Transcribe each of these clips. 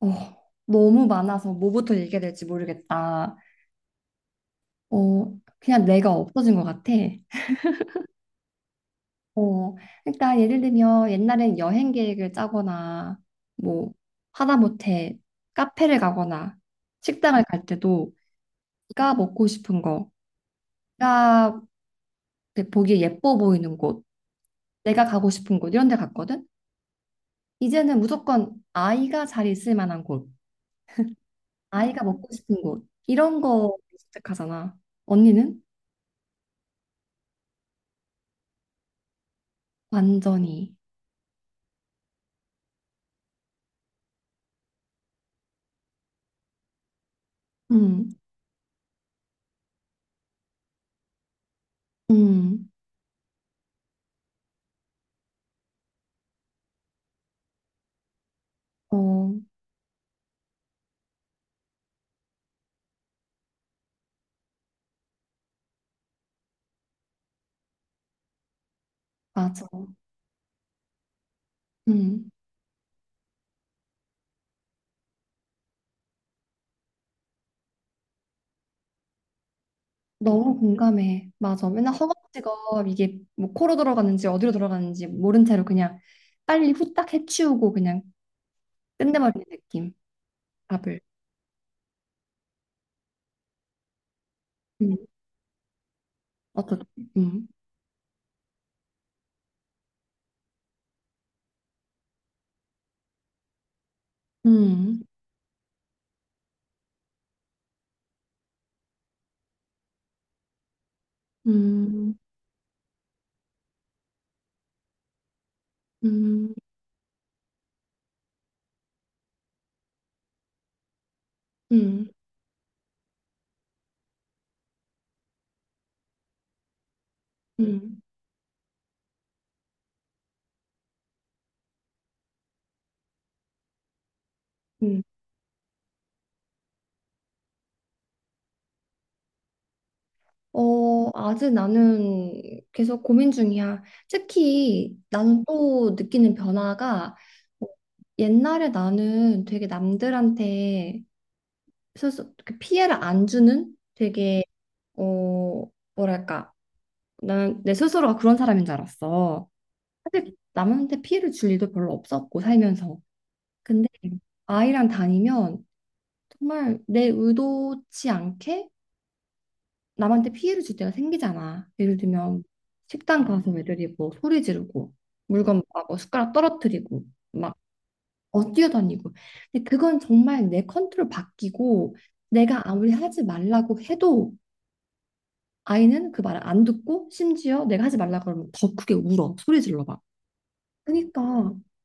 어, 너무 많아서 뭐부터 얘기해야 될지 모르겠다. 그냥 내가 없어진 것 같아. 어, 그러니까 예를 들면 옛날엔 여행 계획을 짜거나 뭐 하다못해 카페를 가거나 식당을 갈 때도 내가 먹고 싶은 거, 내가 그 보기에 예뻐 보이는 곳, 내가 가고 싶은 곳 이런 데 갔거든. 이제는 무조건 아이가 잘 있을 만한 곳, 아이가 먹고 싶은 곳 이런 거 선택하잖아. 언니는? 완전히. 음. 음, 어, 맞아. 음, 너무 공감해. 맞아. 맨날 허겁지겁 이게 뭐 코로 들어가는지 어디로 들어가는지 모른 채로 그냥 빨리 후딱 해치우고 그냥 끝내버리는 느낌. 밥을. 음, 어떻게? 음, 음, 음, 음, 음, 음, 음. 아직 나는 계속 고민 중이야. 특히 나는 또 느끼는 변화가 어, 옛날에 나는 되게 남들한테 스스 그 피해를 안 주는 되게 어 뭐랄까, 나는 내 스스로가 그런 사람인 줄 알았어. 사실 남한테 피해를 줄 일도 별로 없었고 살면서. 근데 아이랑 다니면 정말 내 의도치 않게 남한테 피해를 줄 때가 생기잖아. 예를 들면 식당 가서 애들이 뭐 소리 지르고 물건 막 뭐 숟가락 떨어뜨리고 막 뛰어다니고. 근데 그건 정말 내 컨트롤 바뀌고 내가 아무리 하지 말라고 해도 아이는 그 말을 안 듣고, 심지어 내가 하지 말라 그러면 더 크게 울어. 소리 질러 봐. 그러니까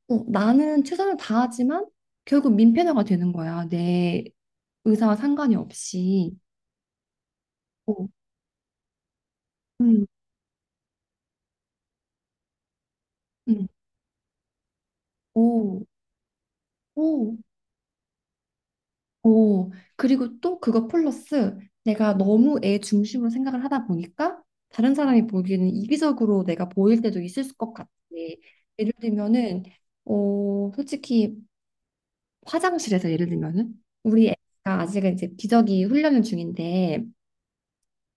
나는 최선을 다하지만 결국 민폐너가 되는 거야. 내 의사와 상관이 없이. 어, 음, 음, 오, 오, 오. 그리고 또 그거 플러스 내가 너무 애 중심으로 생각을 하다 보니까 다른 사람이 보기에는 이기적으로 내가 보일 때도 있을 것 같아. 예를 들면은 솔직히 화장실에서 예를 들면은, 우리 애가 아직은 이제 기저귀 훈련 중인데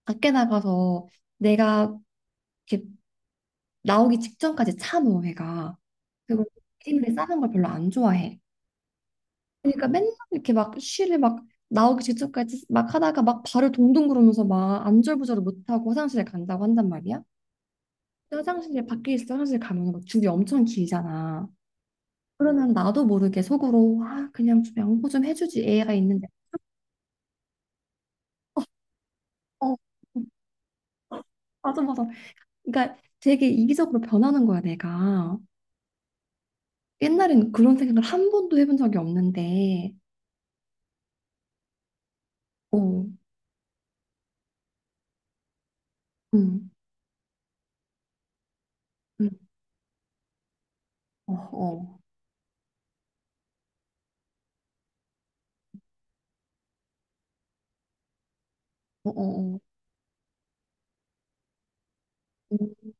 밖에 나가서 내가 이렇게 나오기 직전까지 참어, 애가. 그리고 이름을 싸는 걸 별로 안 좋아해. 그러니까 맨날 이렇게 막 쉬를 막 나오기 직전까지 막 하다가 막 발을 동동 구르면서 막 안절부절을 못하고 화장실에 간다고 한단 말이야. 근데 화장실에 밖에 있어. 화장실 가면 막 줄이 엄청 길잖아. 그러면 나도 모르게 속으로, 아 그냥 좀 양보 좀 해주지 애가 있는데. 어 음, 맞아, 맞아. 그러니까 되게 이기적으로 변하는 거야, 내가. 옛날엔 그런 생각을 한 번도 해본 적이 없는데. 어, 음, 음, 어, 어, 어, 어, 어, 음,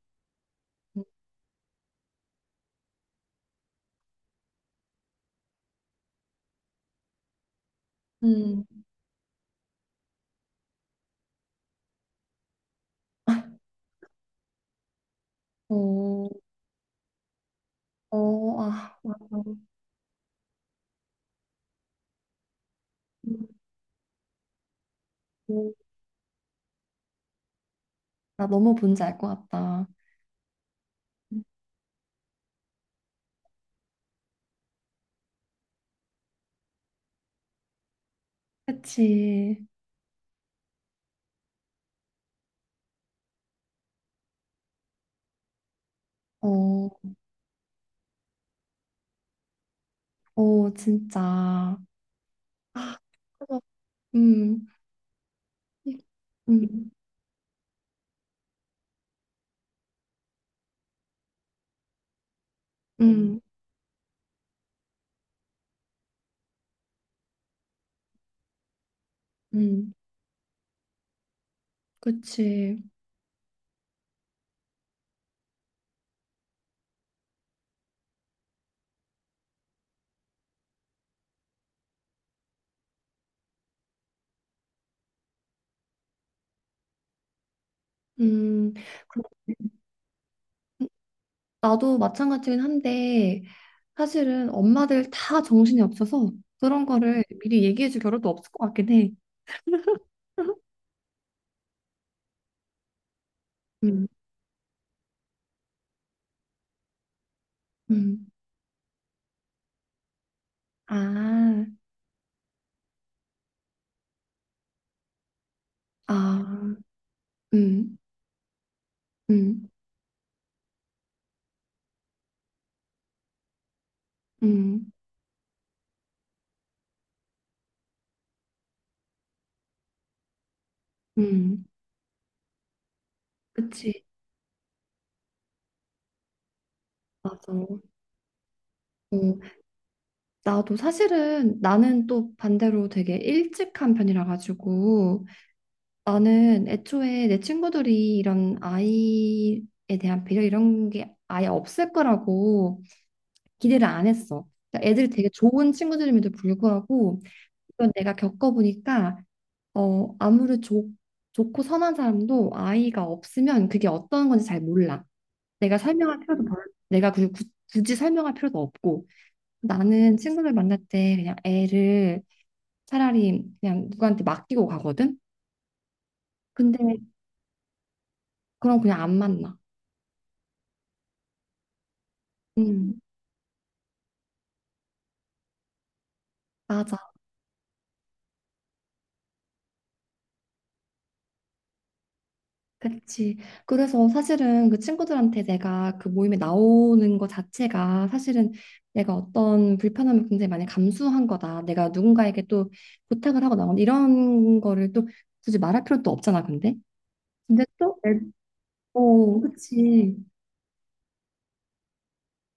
음, 어, 어, 아, 맞아. 음, 음. 나 너무 뭔지 알 것 같다. 그치. 어, 어, 진짜. 아, 그래서, 음, 이- 음, 음, 음, 그치. 음, 그럼 나도 마찬가지긴 한데, 사실은 엄마들 다 정신이 없어서 그런 거를 미리 얘기해 줄 겨를도 없을 것 같긴 해. 음, 음. 아, 아, 음, 음, 음, 음. 그치. 맞아. 나도 사실은 나는 또 반대로 되게 일찍 한 편이라 가지고 나는 애초에 내 친구들이 이런 아이에 대한 배려 이런 게 아예 없을 거라고 기대를 안 했어. 그러니까 애들이 되게 좋은 친구들임에도 불구하고, 그건 내가 겪어보니까 아무리 좋고 선한 사람도 아이가 없으면 그게 어떤 건지 잘 몰라. 내가 설명할 필요도 별로, 내가 굳이 설명할 필요도 없고. 나는 친구들 만날 때 그냥 애를 차라리 그냥 누구한테 맡기고 가거든. 근데 그럼 그냥 안 만나. 음, 맞아. 그치. 그래서 사실은 그 친구들한테 내가 그 모임에 나오는 것 자체가 사실은 내가 어떤 불편함을 굉장히 많이 감수한 거다. 내가 누군가에게 또 부탁을 하고 나온 이런 거를 또 굳이 말할 필요도 없잖아, 근데. 근데 또, 그치.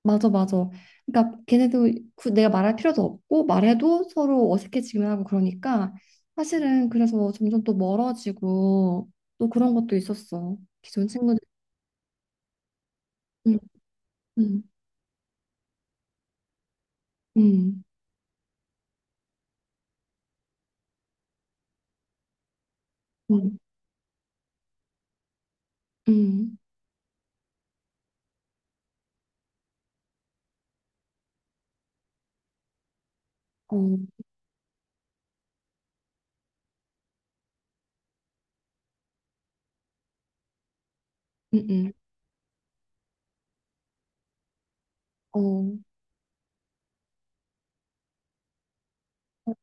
맞아, 맞아. 그러니까 걔네도 내가 말할 필요도 없고, 말해도 서로 어색해지기만 하고, 그러니까 사실은 그래서 점점 또 멀어지고 또 그런 것도 있었어. 기존 친구들. 음, 음, 음. 음, 음, 어, 음, 어, 어,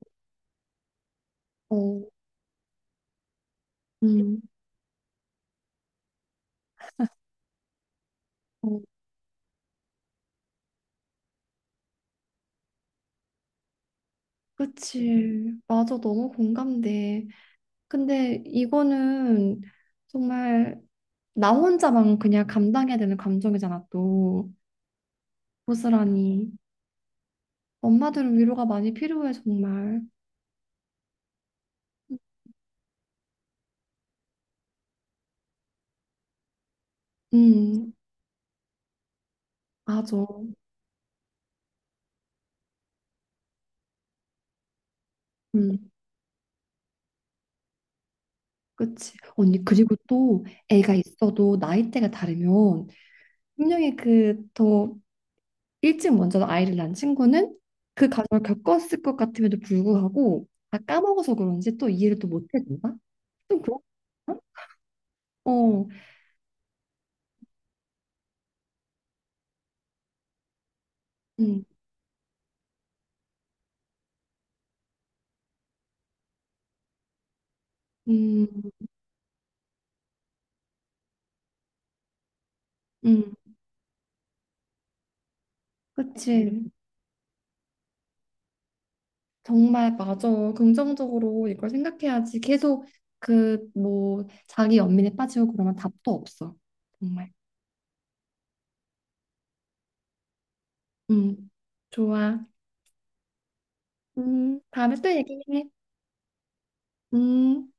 어, 음, 어, 그치. 맞아, 너무 공감돼. 근데 이거는 정말 나 혼자만 그냥 감당해야 되는 감정이잖아, 또. 고스란히. 엄마들은 위로가 많이 필요해, 정말. 음, 맞아. 음, 그치. 언니, 그리고 또 애가 있어도 나이대가 다르면 분명히 그더 일찍 먼저 아이를 낳은 친구는 그 과정을 겪었을 것 같음에도 불구하고 다 까먹어서 그런지 또 이해를 또 못해준다? 좀 그런 거? 어, 음, 음, 음, 그치. 정말 맞아. 긍정적으로 이걸 생각해야지. 계속 그 뭐 자기 연민에 빠지고 그러면 답도 없어. 정말. 음, 좋아. 다음에 또 얘기해. 음.